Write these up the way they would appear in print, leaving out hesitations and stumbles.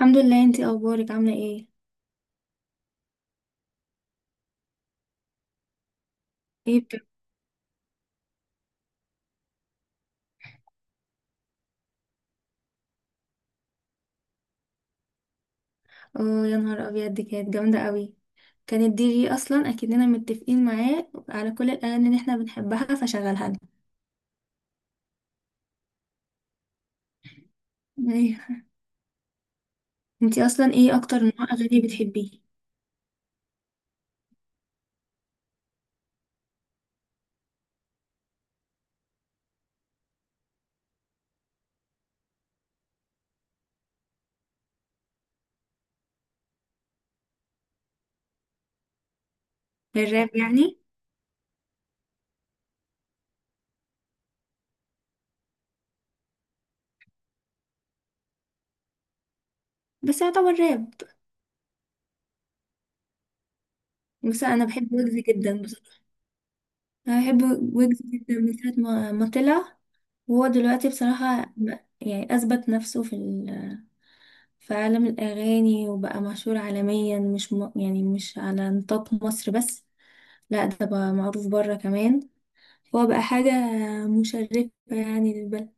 الحمد لله. انتي اخبارك عامله ايه؟ ايه بتك؟ اه يا نهار ابيض دي كانت جامده قوي. كانت دي جي اصلا اكننا متفقين معاه على كل الاغاني اللي احنا بنحبها فشغلها لنا. ايوه. انتي اصلا ايه اكتر نوع اغاني بتحبيه؟ الراب يعني؟ بس يعتبر راب. بس انا بحب ويجز جدا بصراحه. انا بحب ويجز جدا من ساعه ما طلع. وهو دلوقتي بصراحه يعني اثبت نفسه في عالم الاغاني، وبقى مشهور عالميا، مش م... يعني مش على نطاق مصر بس، لا ده بقى معروف بره كمان. هو بقى حاجة مشرفة يعني للبلد.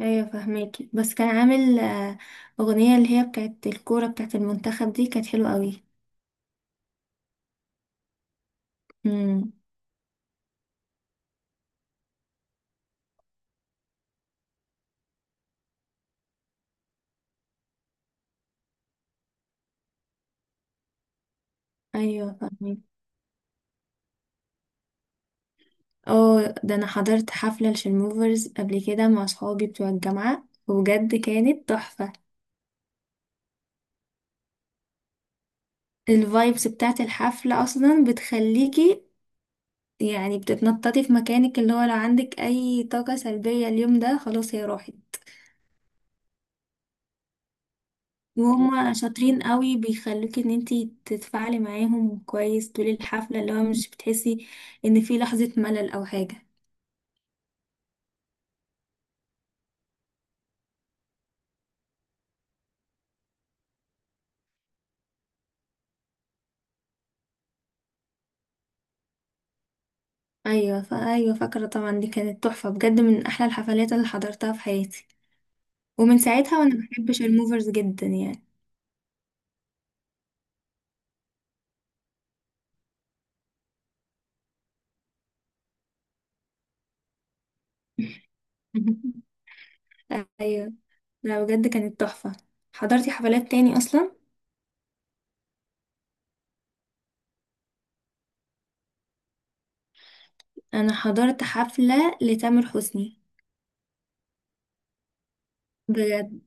ايوه فهماكي. بس كان عامل أغنية اللي هي بتاعت الكورة بتاعت المنتخب دي كانت حلوة قوي. امم ايوه فهماكي. اه ده انا حضرت حفلة لشلموفرز قبل كده مع صحابي بتوع الجامعة وبجد كانت تحفة. الفايبس بتاعت الحفلة اصلا بتخليكي يعني بتتنططي في مكانك، اللي هو لو عندك اي طاقة سلبية اليوم ده خلاص هي راحت. وهم شاطرين قوي، بيخلوكي ان انتي تتفاعلي معاهم كويس طول الحفلة، اللي هو مش بتحسي ان في لحظة ملل او حاجة. ايوه فا ايوه فاكرة طبعا. دي كانت تحفة بجد، من احلى الحفلات اللي حضرتها في حياتي. ومن ساعتها وانا بحب شيرموفرز جدا يعني. ايوه. لا بجد كانت تحفة. حضرتي حفلات تاني اصلا؟ انا حضرت حفلة لتامر حسني. بجد.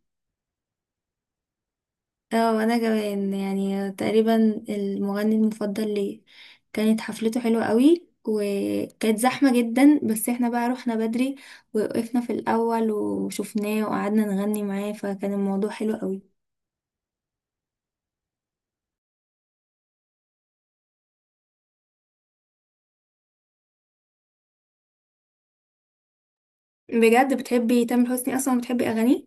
اه وانا كمان يعني تقريبا المغني المفضل لي. كانت حفلته حلوة قوي وكانت زحمة جدا، بس احنا بقى رحنا بدري ووقفنا في الاول وشفناه وقعدنا نغني معاه، فكان الموضوع حلو قوي. بجد بتحبي تامر حسني؟ اصلا بتحبي اغانيه؟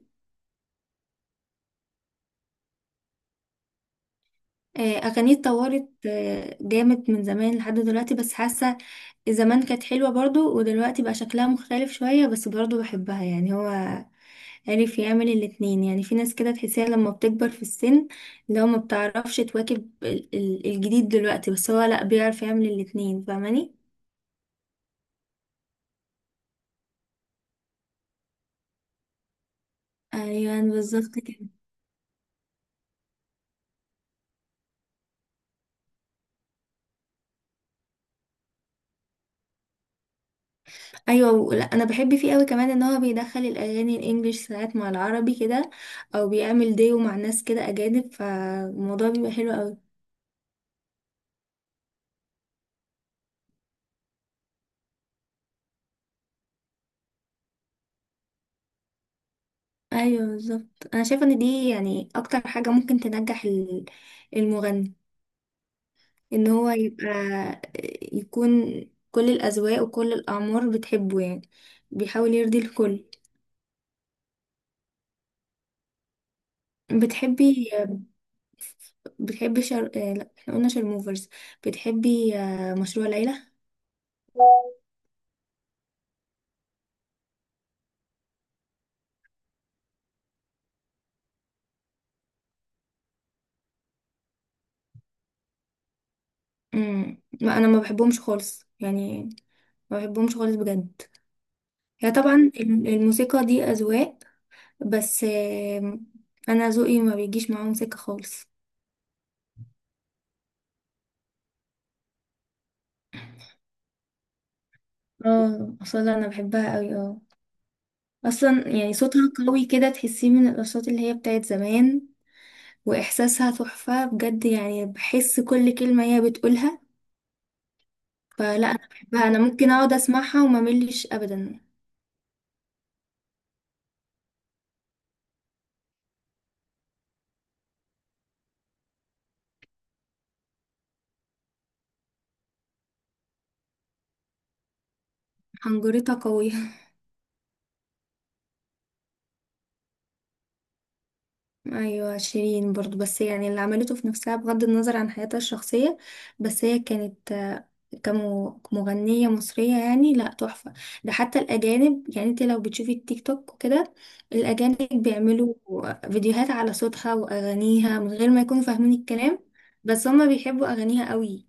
اغانيه اتطورت جامد من زمان لحد دلوقتي، بس حاسة زمان كانت حلوة برضو ودلوقتي بقى شكلها مختلف شوية بس برضو بحبها. يعني هو عرف يعمل الاتنين. يعني في ناس كده تحسيها لما بتكبر في السن اللي هو ما بتعرفش تواكب الجديد دلوقتي، بس هو لا بيعرف يعمل الاتنين فاهماني. ايوه بالظبط كده. ايوه لا انا بحب فيه قوي كمان ان هو بيدخل الاغاني الانجليش ساعات مع العربي كده، او بيعمل ديو مع ناس كده اجانب، فالموضوع بيبقى حلو قوي. ايوه بالظبط. انا شايفه ان دي يعني اكتر حاجه ممكن تنجح المغني، ان هو يبقى يكون كل الاذواق وكل الاعمار بتحبه يعني. بيحاول يرضي الكل. بتحبي بتحبي شر... آه، لا احنا قلنا شرموفرز. بتحبي مشروع ليلى؟ ما انا ما بحبهمش خالص يعني. ما بحبهمش خالص بجد. هي طبعا الموسيقى دي اذواق، بس انا ذوقي ما بيجيش معاهم موسيقى خالص. اه اصلا انا بحبها قوي، اه. اصلا يعني صوتها قوي كده، تحسيه من الاصوات اللي هي بتاعت زمان. واحساسها تحفة بجد، يعني بحس كل كلمة هي بتقولها. فلا انا بحبها، انا ممكن اقعد اسمعها وما ملش ابدا. حنجرتها قوية. ايوه شيرين برضو، بس يعني اللي عملته في نفسها بغض النظر عن حياتها الشخصية، بس هي كانت كمغنية مصرية يعني لا تحفة. ده حتى الأجانب، يعني انت لو بتشوفي التيك توك وكده، الأجانب بيعملوا فيديوهات على صوتها وأغانيها من غير ما يكونوا فاهمين الكلام، بس هما بيحبوا أغانيها قوي.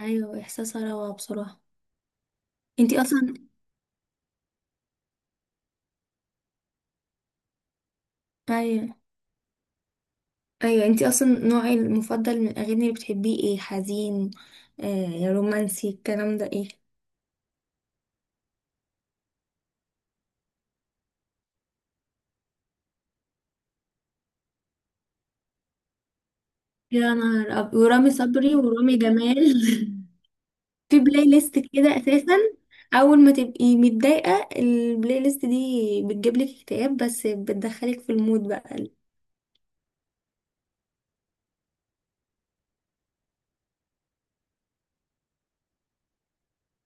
ايوه احساسها روعة بصراحة. انتي اصلا، ايوه، ايوه انتي اصلا نوعي المفضل من الاغاني اللي بتحبيه ايه؟ حزين؟ آه رومانسي؟ الكلام ده ايه؟ يا ورامي صبري ورامي جمال. في بلاي ليست كده اساسا. اول ما تبقي متضايقة البلاي ليست دي بتجيب لك اكتئاب، بس بتدخلك في المود بقى.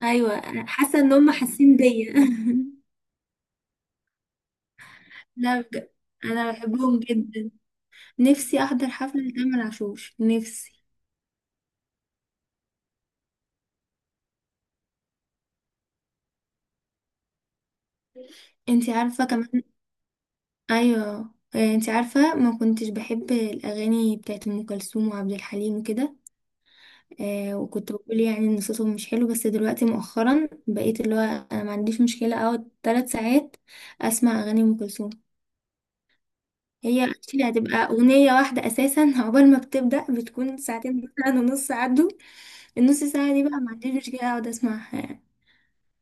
ايوه حاسة ان هم حاسين بيا. لا بجد انا بحبهم جدا. نفسي احضر حفلة لتامر عاشور، نفسي. انتي عارفة كمان، ايوه، انتي عارفة ما كنتش بحب الاغاني بتاعت ام كلثوم وعبد الحليم وكده، آه وكنت بقول يعني ان صوتهم مش حلو، بس دلوقتي مؤخرا بقيت اللي هو انا ما عنديش مشكلة اقعد ثلاث ساعات اسمع اغاني ام كلثوم. هي actually هتبقى اغنية واحدة اساسا عقبال ما بتبدأ بتكون ساعتين مثلا ونص، عدوا النص ساعة دي بقى ما عنديش مشكلة اقعد اسمعها يعني.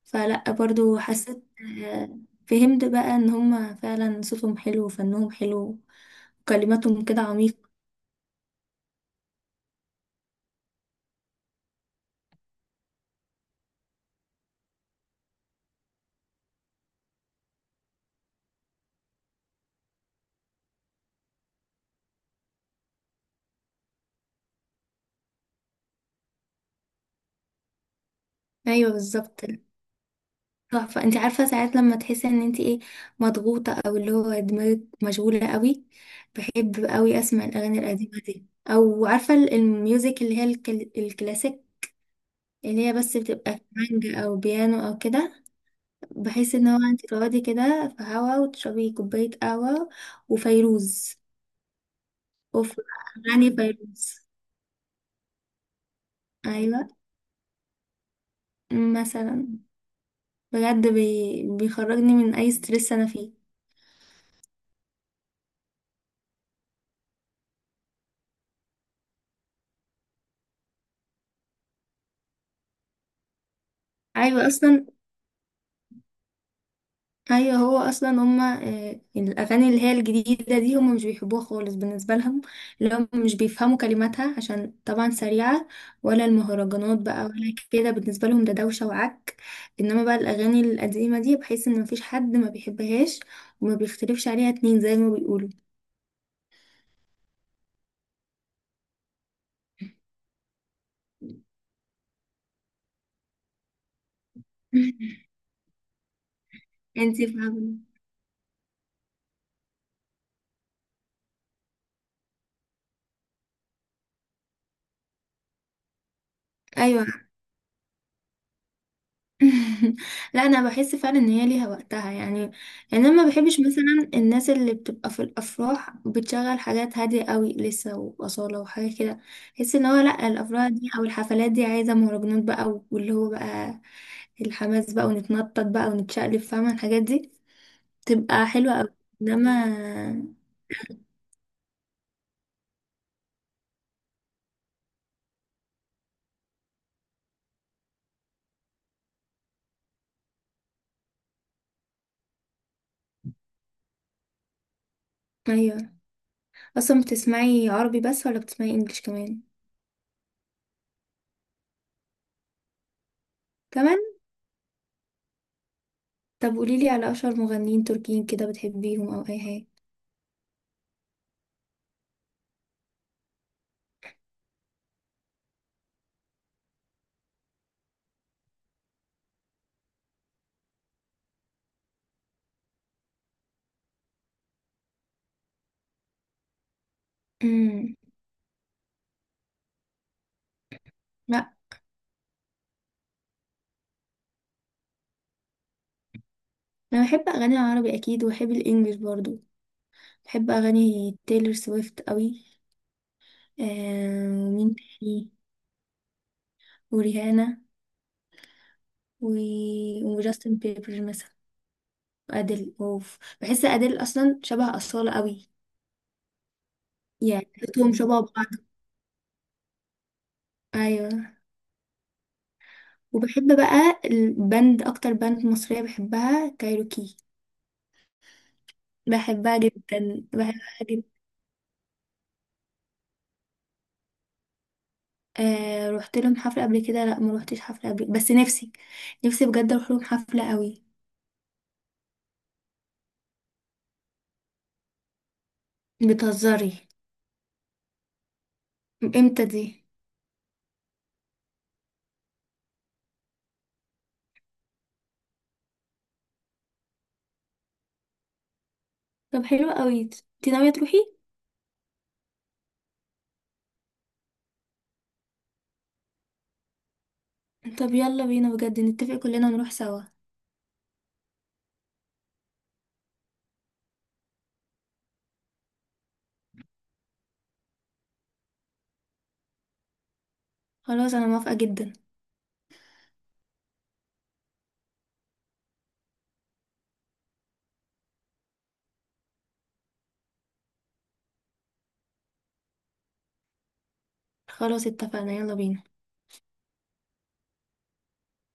فلا برضو حسيت، آه، فهمت بقى ان هما فعلا صوتهم حلو وفنهم حلو وكلماتهم كده عميق. ايوه بالظبط. تحفه. انت عارفه ساعات لما تحسي ان انت ايه، مضغوطه او اللي هو دماغك مشغوله قوي، بحب قوي اسمع الاغاني القديمه دي، او عارفه الميوزك اللي هي الكلاسيك، اللي هي بس بتبقى مانجا او بيانو او كده، بحيث ان هو انت تقعدي كده في هوا وتشربي كوبايه قهوه. وفيروز، وفي أغاني فيروز، أيوة، مثلا، بجد بيخرجني من أي ستريس أنا فيه. أيوة أصلا، أيوة، هو أصلا هما الأغاني اللي هي الجديدة دي هما مش بيحبوها خالص، بالنسبة لهم اللي هم مش بيفهموا كلماتها عشان طبعا سريعة، ولا المهرجانات بقى، ولا كده بالنسبة لهم ده دوشة وعك. إنما بقى الأغاني القديمة دي بحيث إن مفيش حد ما بيحبهاش وما بيختلفش عليها اتنين زي ما بيقولوا. انتي فاهمة؟ ايوه. لا انا بحس فعلا ان هي ليها وقتها يعني. يعني انا ما بحبش مثلا الناس اللي بتبقى في الافراح بتشغل حاجات هاديه قوي لسه واصاله وحاجه كده. بحس ان هو لا، الافراح دي او الحفلات دي عايزه مهرجانات بقى، واللي هو بقى الحماس بقى ونتنطط بقى ونتشقلب، فاهمه الحاجات دي تبقى حلوه قوي. انما، ايوه. اصلا بتسمعي عربي بس ولا بتسمعي انجليش كمان؟ كمان. طب قوليلي على اشهر مغنيين تركيين كده بتحبيهم او اي حاجه. امم انا بحب اغاني العربي اكيد، وبحب الانجليش برضو. بحب اغاني تايلور سويفت قوي. آه ومين تاني؟ وريهانا، و... وجاستن بيبر مثلا، وادل. اوف، بحس ادل اصلا شبه اصالة قوي. يعني صوتهم شبه بعض. ايوه. وبحب بقى البند، اكتر بند مصرية بحبها كايروكي. بحبها جدا، بحبها جدا. آه رحت لهم حفلة قبل كده؟ لا ما روحتش حفلة قبل، بس نفسي. نفسي بجد اروح لهم حفلة قوي. بتهزري؟ امتى دي؟ طب حلو قوي. انت ناوية تروحي؟ طب يلا بينا بجد، نتفق كلنا ونروح سوا. خلاص انا موافقة جدا. خلاص اتفقنا، يلا بينا.